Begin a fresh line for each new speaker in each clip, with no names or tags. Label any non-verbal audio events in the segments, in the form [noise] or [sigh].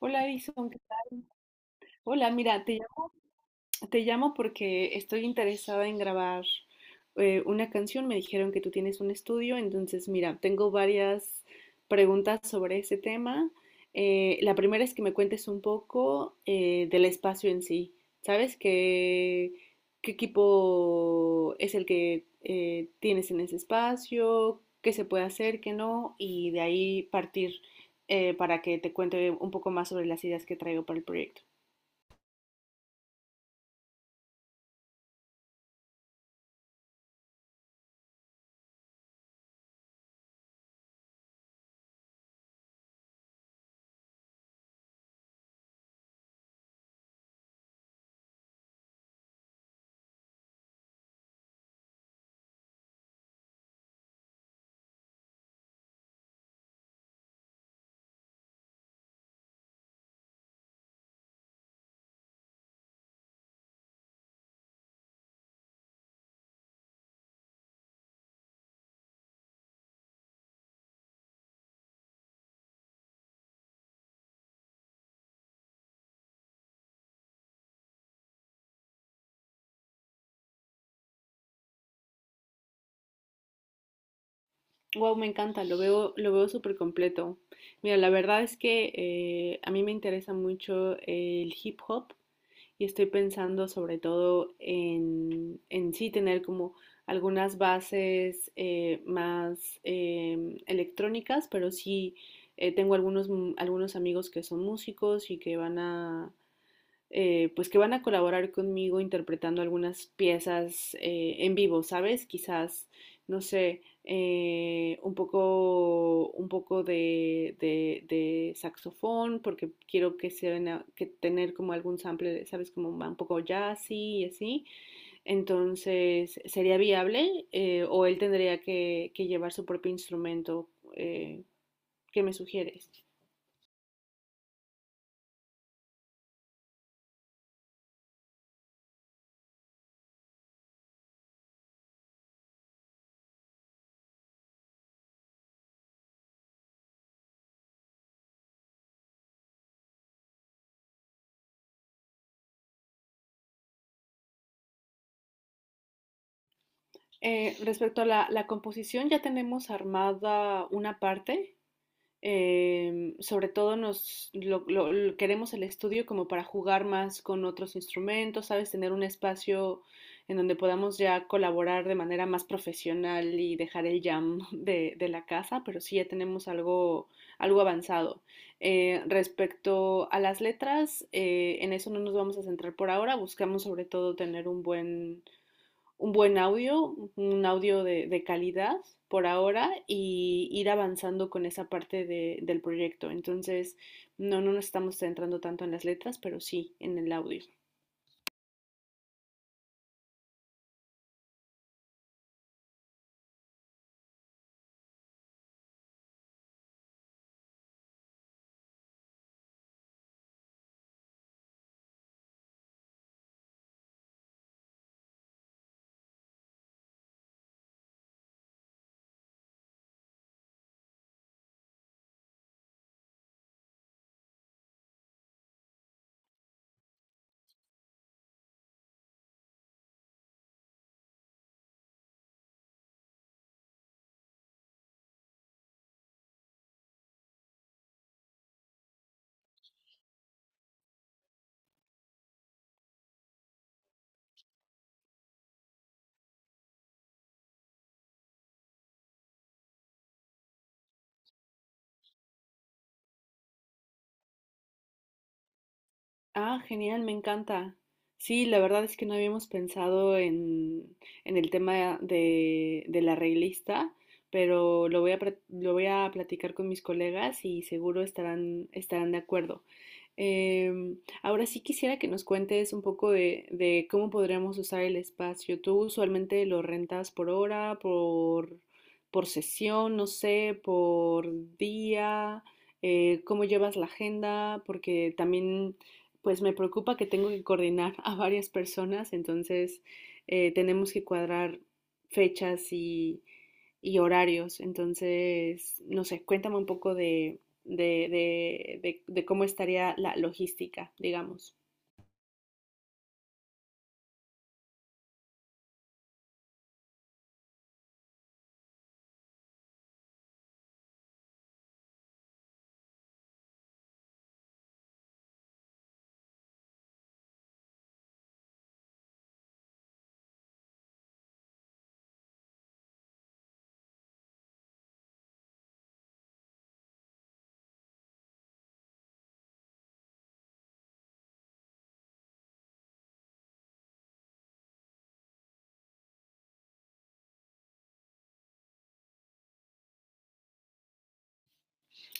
Hola Edison, ¿qué tal? Hola, mira, te llamo porque estoy interesada en grabar una canción. Me dijeron que tú tienes un estudio, entonces mira, tengo varias preguntas sobre ese tema. La primera es que me cuentes un poco del espacio en sí. ¿Sabes qué, qué equipo es el que tienes en ese espacio? ¿Qué se puede hacer, qué no? Y de ahí partir para que te cuente un poco más sobre las ideas que traigo para el proyecto. Wow, me encanta, lo veo súper completo. Mira, la verdad es que a mí me interesa mucho el hip hop y estoy pensando sobre todo en sí tener como algunas bases más electrónicas, pero sí tengo algunos, algunos amigos que son músicos y que van a, pues que van a colaborar conmigo interpretando algunas piezas en vivo, ¿sabes? Quizás, no sé, un poco de, de saxofón, porque quiero que que tener como algún sample, ¿sabes? Como un poco jazzy y así. Entonces, ¿sería viable? ¿O él tendría que llevar su propio instrumento? Eh, ¿Qué me sugieres? Respecto a la, la composición, ya tenemos armada una parte. Sobre todo nos lo- queremos el estudio como para jugar más con otros instrumentos, ¿sabes? Tener un espacio en donde podamos ya colaborar de manera más profesional y dejar el jam [laughs] de la casa, pero sí ya tenemos algo, algo avanzado. Respecto a las letras, en eso no nos vamos a centrar por ahora, buscamos sobre todo tener un buen audio, un audio de calidad por ahora y ir avanzando con esa parte del proyecto. Entonces, no, no nos estamos centrando tanto en las letras, pero sí en el audio. Ah, genial, me encanta. Sí, la verdad es que no habíamos pensado en el tema de la reglista, pero lo voy a, lo voy a platicar con mis colegas y seguro estarán, estarán de acuerdo. Em, Ahora sí quisiera que nos cuentes un poco de cómo podríamos usar el espacio. ¿Tú usualmente lo rentas por hora, por sesión, no sé, por día? ¿Cómo llevas la agenda? Porque también, pues me preocupa que tengo que coordinar [laughs] a varias personas, entonces tenemos que cuadrar fechas y horarios. Entonces, no sé, cuéntame un poco de, de cómo estaría la logística, digamos.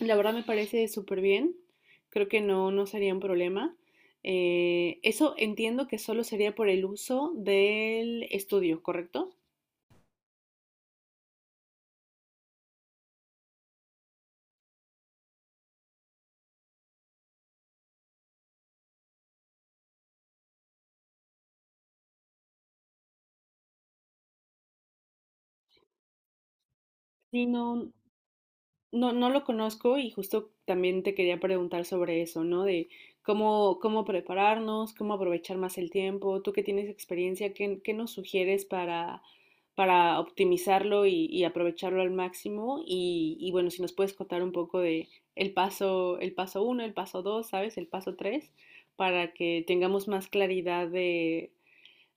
La verdad me parece súper bien. Creo que no, no sería un problema. Eso entiendo que solo sería por el uso del estudio, ¿correcto? Sí, no, no, no lo conozco y justo también te quería preguntar sobre eso, ¿no? De cómo, cómo prepararnos, cómo aprovechar más el tiempo. Tú que tienes experiencia, ¿qué, qué nos sugieres para optimizarlo y aprovecharlo al máximo? Y bueno, si nos puedes contar un poco de el paso uno, el paso dos, ¿sabes? El paso tres, para que tengamos más claridad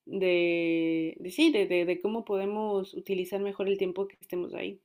de sí, de, de cómo podemos utilizar mejor el tiempo que estemos ahí.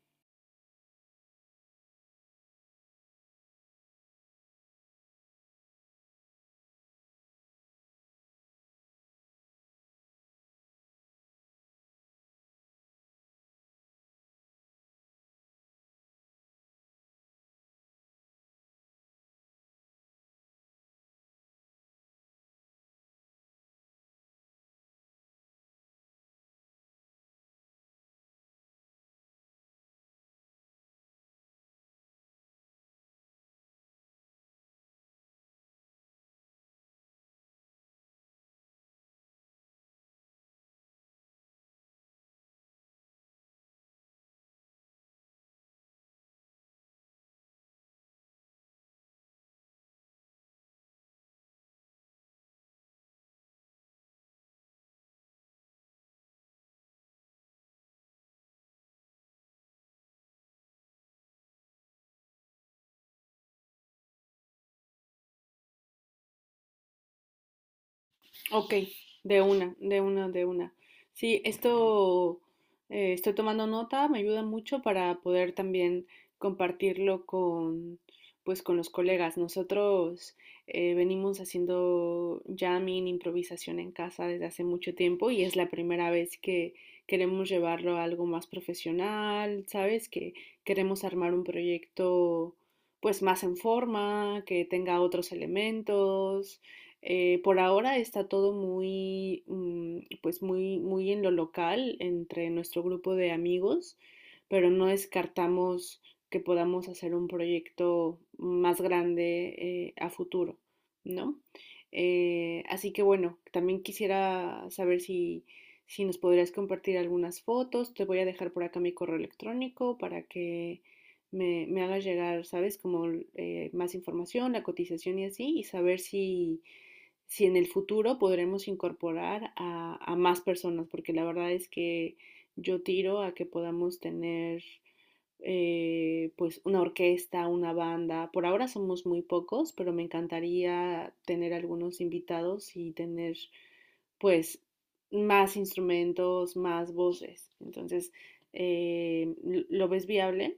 Ok, de una, de una, de una. Sí, esto estoy tomando nota, me ayuda mucho para poder también compartirlo con, pues, con los colegas. Nosotros venimos haciendo jamming, improvisación en casa desde hace mucho tiempo y es la primera vez que queremos llevarlo a algo más profesional, ¿sabes? Que queremos armar un proyecto, pues, más en forma, que tenga otros elementos por ahora está todo muy, mm, pues muy, muy en lo local, entre nuestro grupo de amigos, pero no descartamos que podamos hacer un proyecto más grande a futuro, ¿no? Así que bueno, también quisiera saber si, si nos podrías compartir algunas fotos. Te voy a dejar por acá mi correo electrónico para que me hagas llegar, ¿sabes? Como más información, la cotización y así, y saber si, si en el futuro podremos incorporar a más personas, porque la verdad es que yo tiro a que podamos tener pues una orquesta, una banda. Por ahora somos muy pocos, pero me encantaría tener algunos invitados y tener pues más instrumentos, más voces. Entonces, eh, ¿lo ves viable?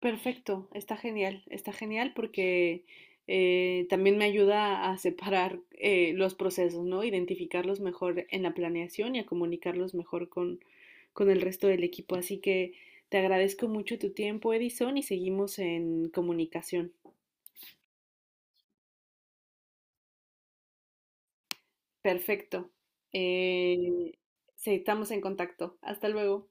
Perfecto, está genial porque también me ayuda a separar los procesos, ¿no? Identificarlos mejor en la planeación y a comunicarlos mejor con el resto del equipo. Así que te agradezco mucho tu tiempo, Edison, y seguimos en comunicación. Perfecto. Eh, sí, estamos en contacto. Hasta luego.